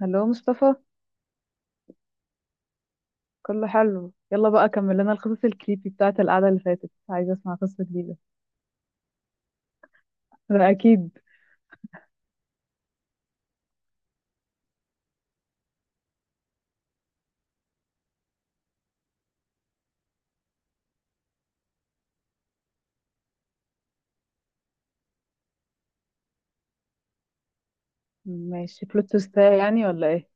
هلو مصطفى، كله حلو. يلا بقى كمل لنا القصص الكريبي بتاعت القعدة اللي فاتت، عايزة اسمع قصة جديدة. ده اكيد. ماشي، بلوت تويست يعني ولا ايه؟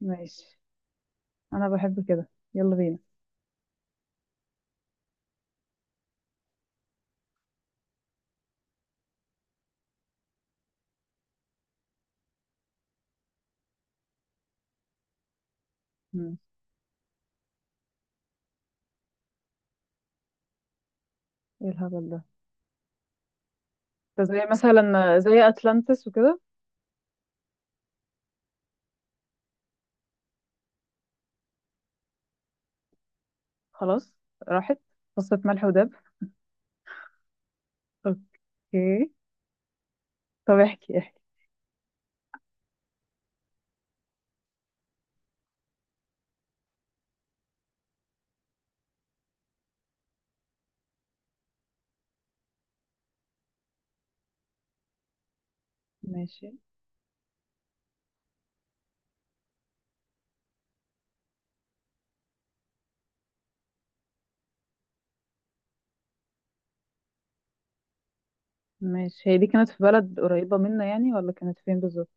ماشي، انا بحب كده. يلا بينا. مم. ايه الهبل ده؟ ده زي مثلا، زي اتلانتس وكده. خلاص، راحت. قصة ملح ودب. اوكي، طب احكي احكي. ماشي. ماشي، هي دي كانت في بلد قريبة منا يعني ولا كانت فين بالظبط؟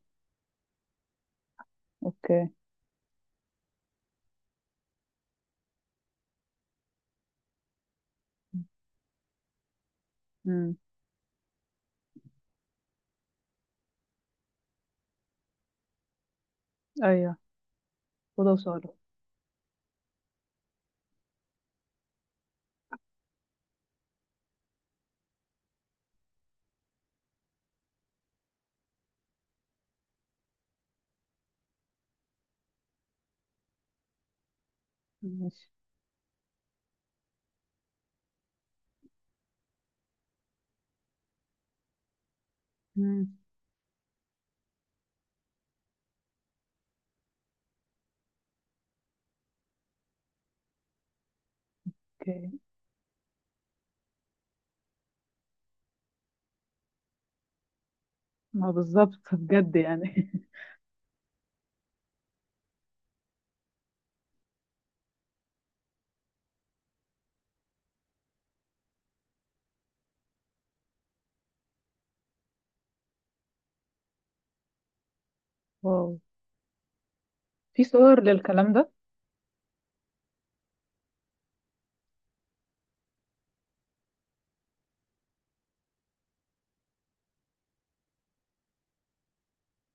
اوكي. امم، ايوه. اوضه وصاله؟ ماشي. امم. ما بالظبط بجد يعني واو، في صور للكلام ده؟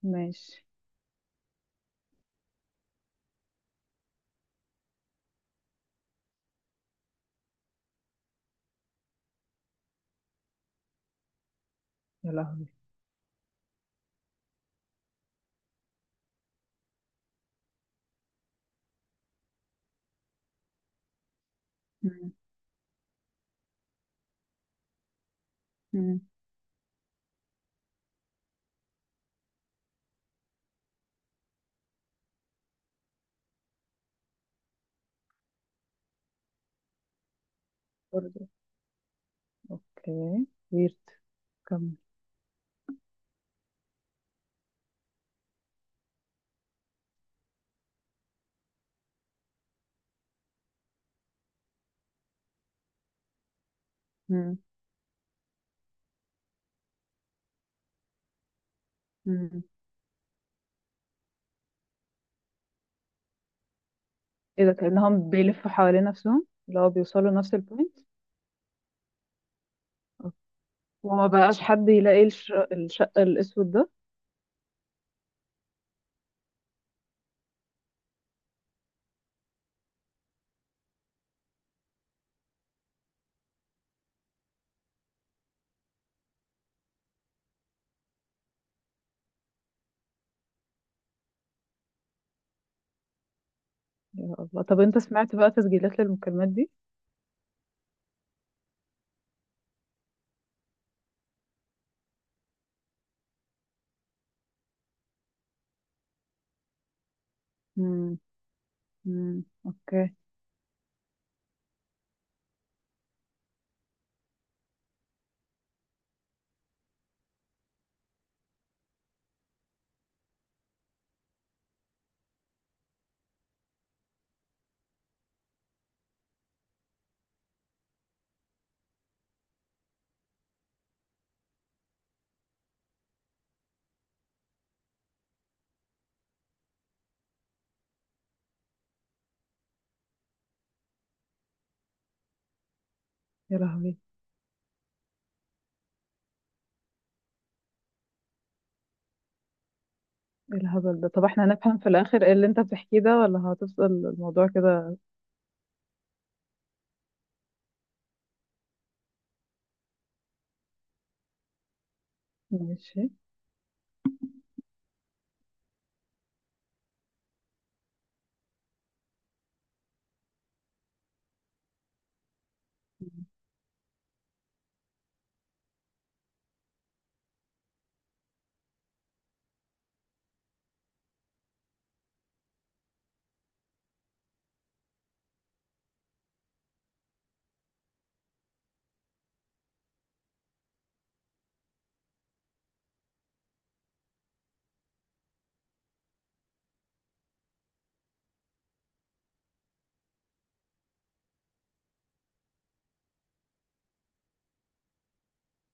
ماشي. يا لهوي. مم. مم. برضه، اوكي. ويرد؟ كمل. مم. مم. ايه ده، كأنهم بيلفوا حوالين نفسهم اللي هو بيوصلوا لنفس البوينت. وما بقاش حد يلاقي الشق الأسود ده؟ يا الله. طب انت سمعت بقى تسجيلات للمكالمات دي؟ مم. مم. اوكي. يا لهوي. ايه الهبل ده؟ طب احنا هنفهم في الآخر ايه اللي انت بتحكيه ده، ولا هتفضل الموضوع كده؟ ماشي.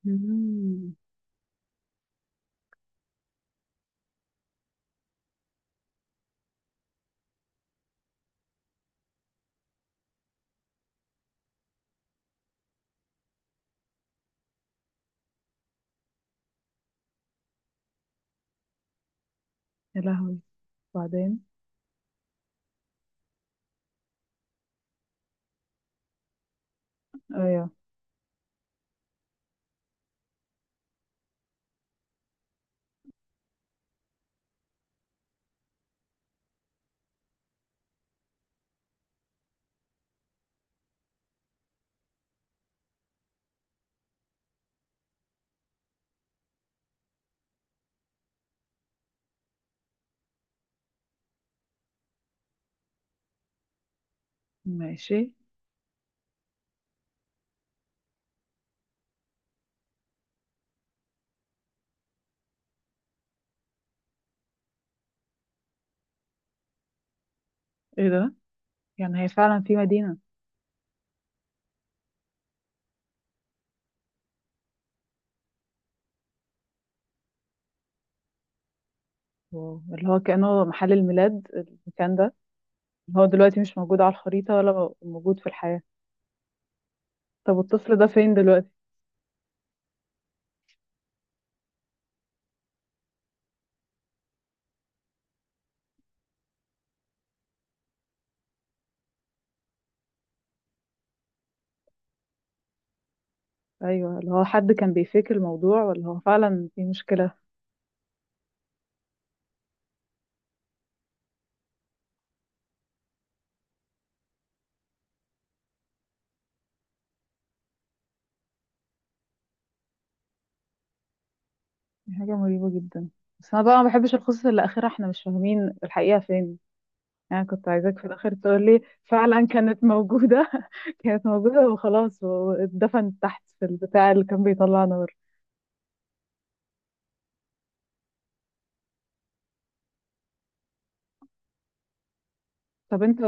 مم. يا لهوي. بعدين؟ ايوه. ماشي. ايه ده، يعني هي فعلا في مدينة؟ واو. اللي هو كأنه محل الميلاد المكان ده؟ اللي هو دلوقتي مش موجود على الخريطة ولا موجود في الحياة. طب الطفل ده فين دلوقتي؟ ايوه، اللي هو حد كان بيفيك الموضوع ولا هو فعلا في مشكلة. دي حاجة مريبة جدا. بس انا بقى ما بحبش القصص اللي اخرها احنا مش فاهمين الحقيقة فين. يعني كنت عايزاك في الاخر تقول لي فعلا كانت موجودة كانت موجودة وخلاص، واتدفنت تحت في البتاع اللي كان بيطلع نار. طب انت،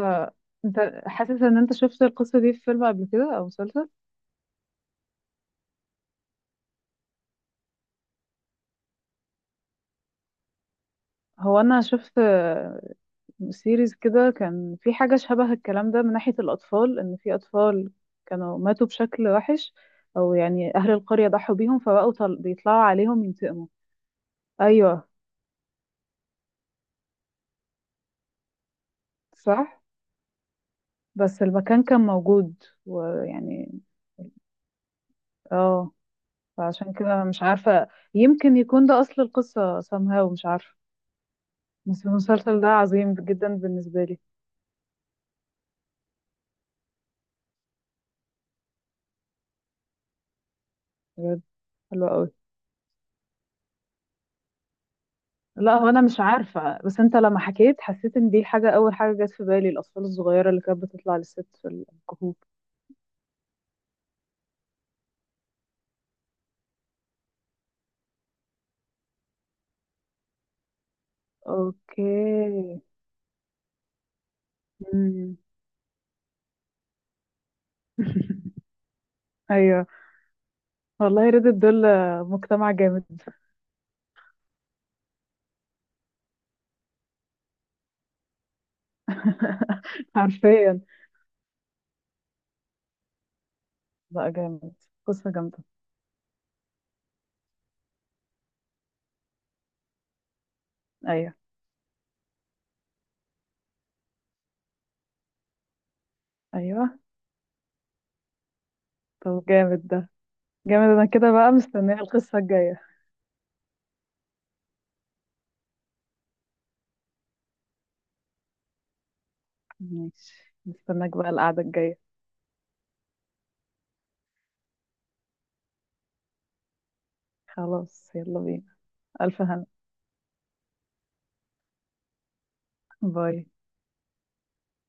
انت حاسس ان انت شفت القصة دي في فيلم قبل كده او مسلسل؟ هو انا شفت سيريز كده كان في حاجة شبه الكلام ده من ناحية الاطفال، ان في اطفال كانوا ماتوا بشكل وحش، او يعني اهل القرية ضحوا بيهم فبقوا بيطلعوا عليهم ينتقموا. ايوه. صح، بس المكان كان موجود ويعني. اه. فعشان كده مش عارفة، يمكن يكون ده اصل القصة somehow، مش عارفة. بس المسلسل ده عظيم جدا بالنسبة لي، بجد. حلو قوي. لا، هو انا مش عارفه، بس انت لما حكيت حسيت ان دي حاجه. اول حاجه جت في بالي الاطفال الصغيره اللي كانت بتطلع للست في الكهوف. اوكي. مم. ايوه. والله ريدت دول مجتمع جامد حرفيا. بقى جامد. قصه جامده. ايوه. ايوه. طب جامد ده. جامد. انا كده بقى مستنيه القصه الجايه. ماشي، مستناك بقى القعده الجايه. خلاص، يلا بينا. الف هنا. باي.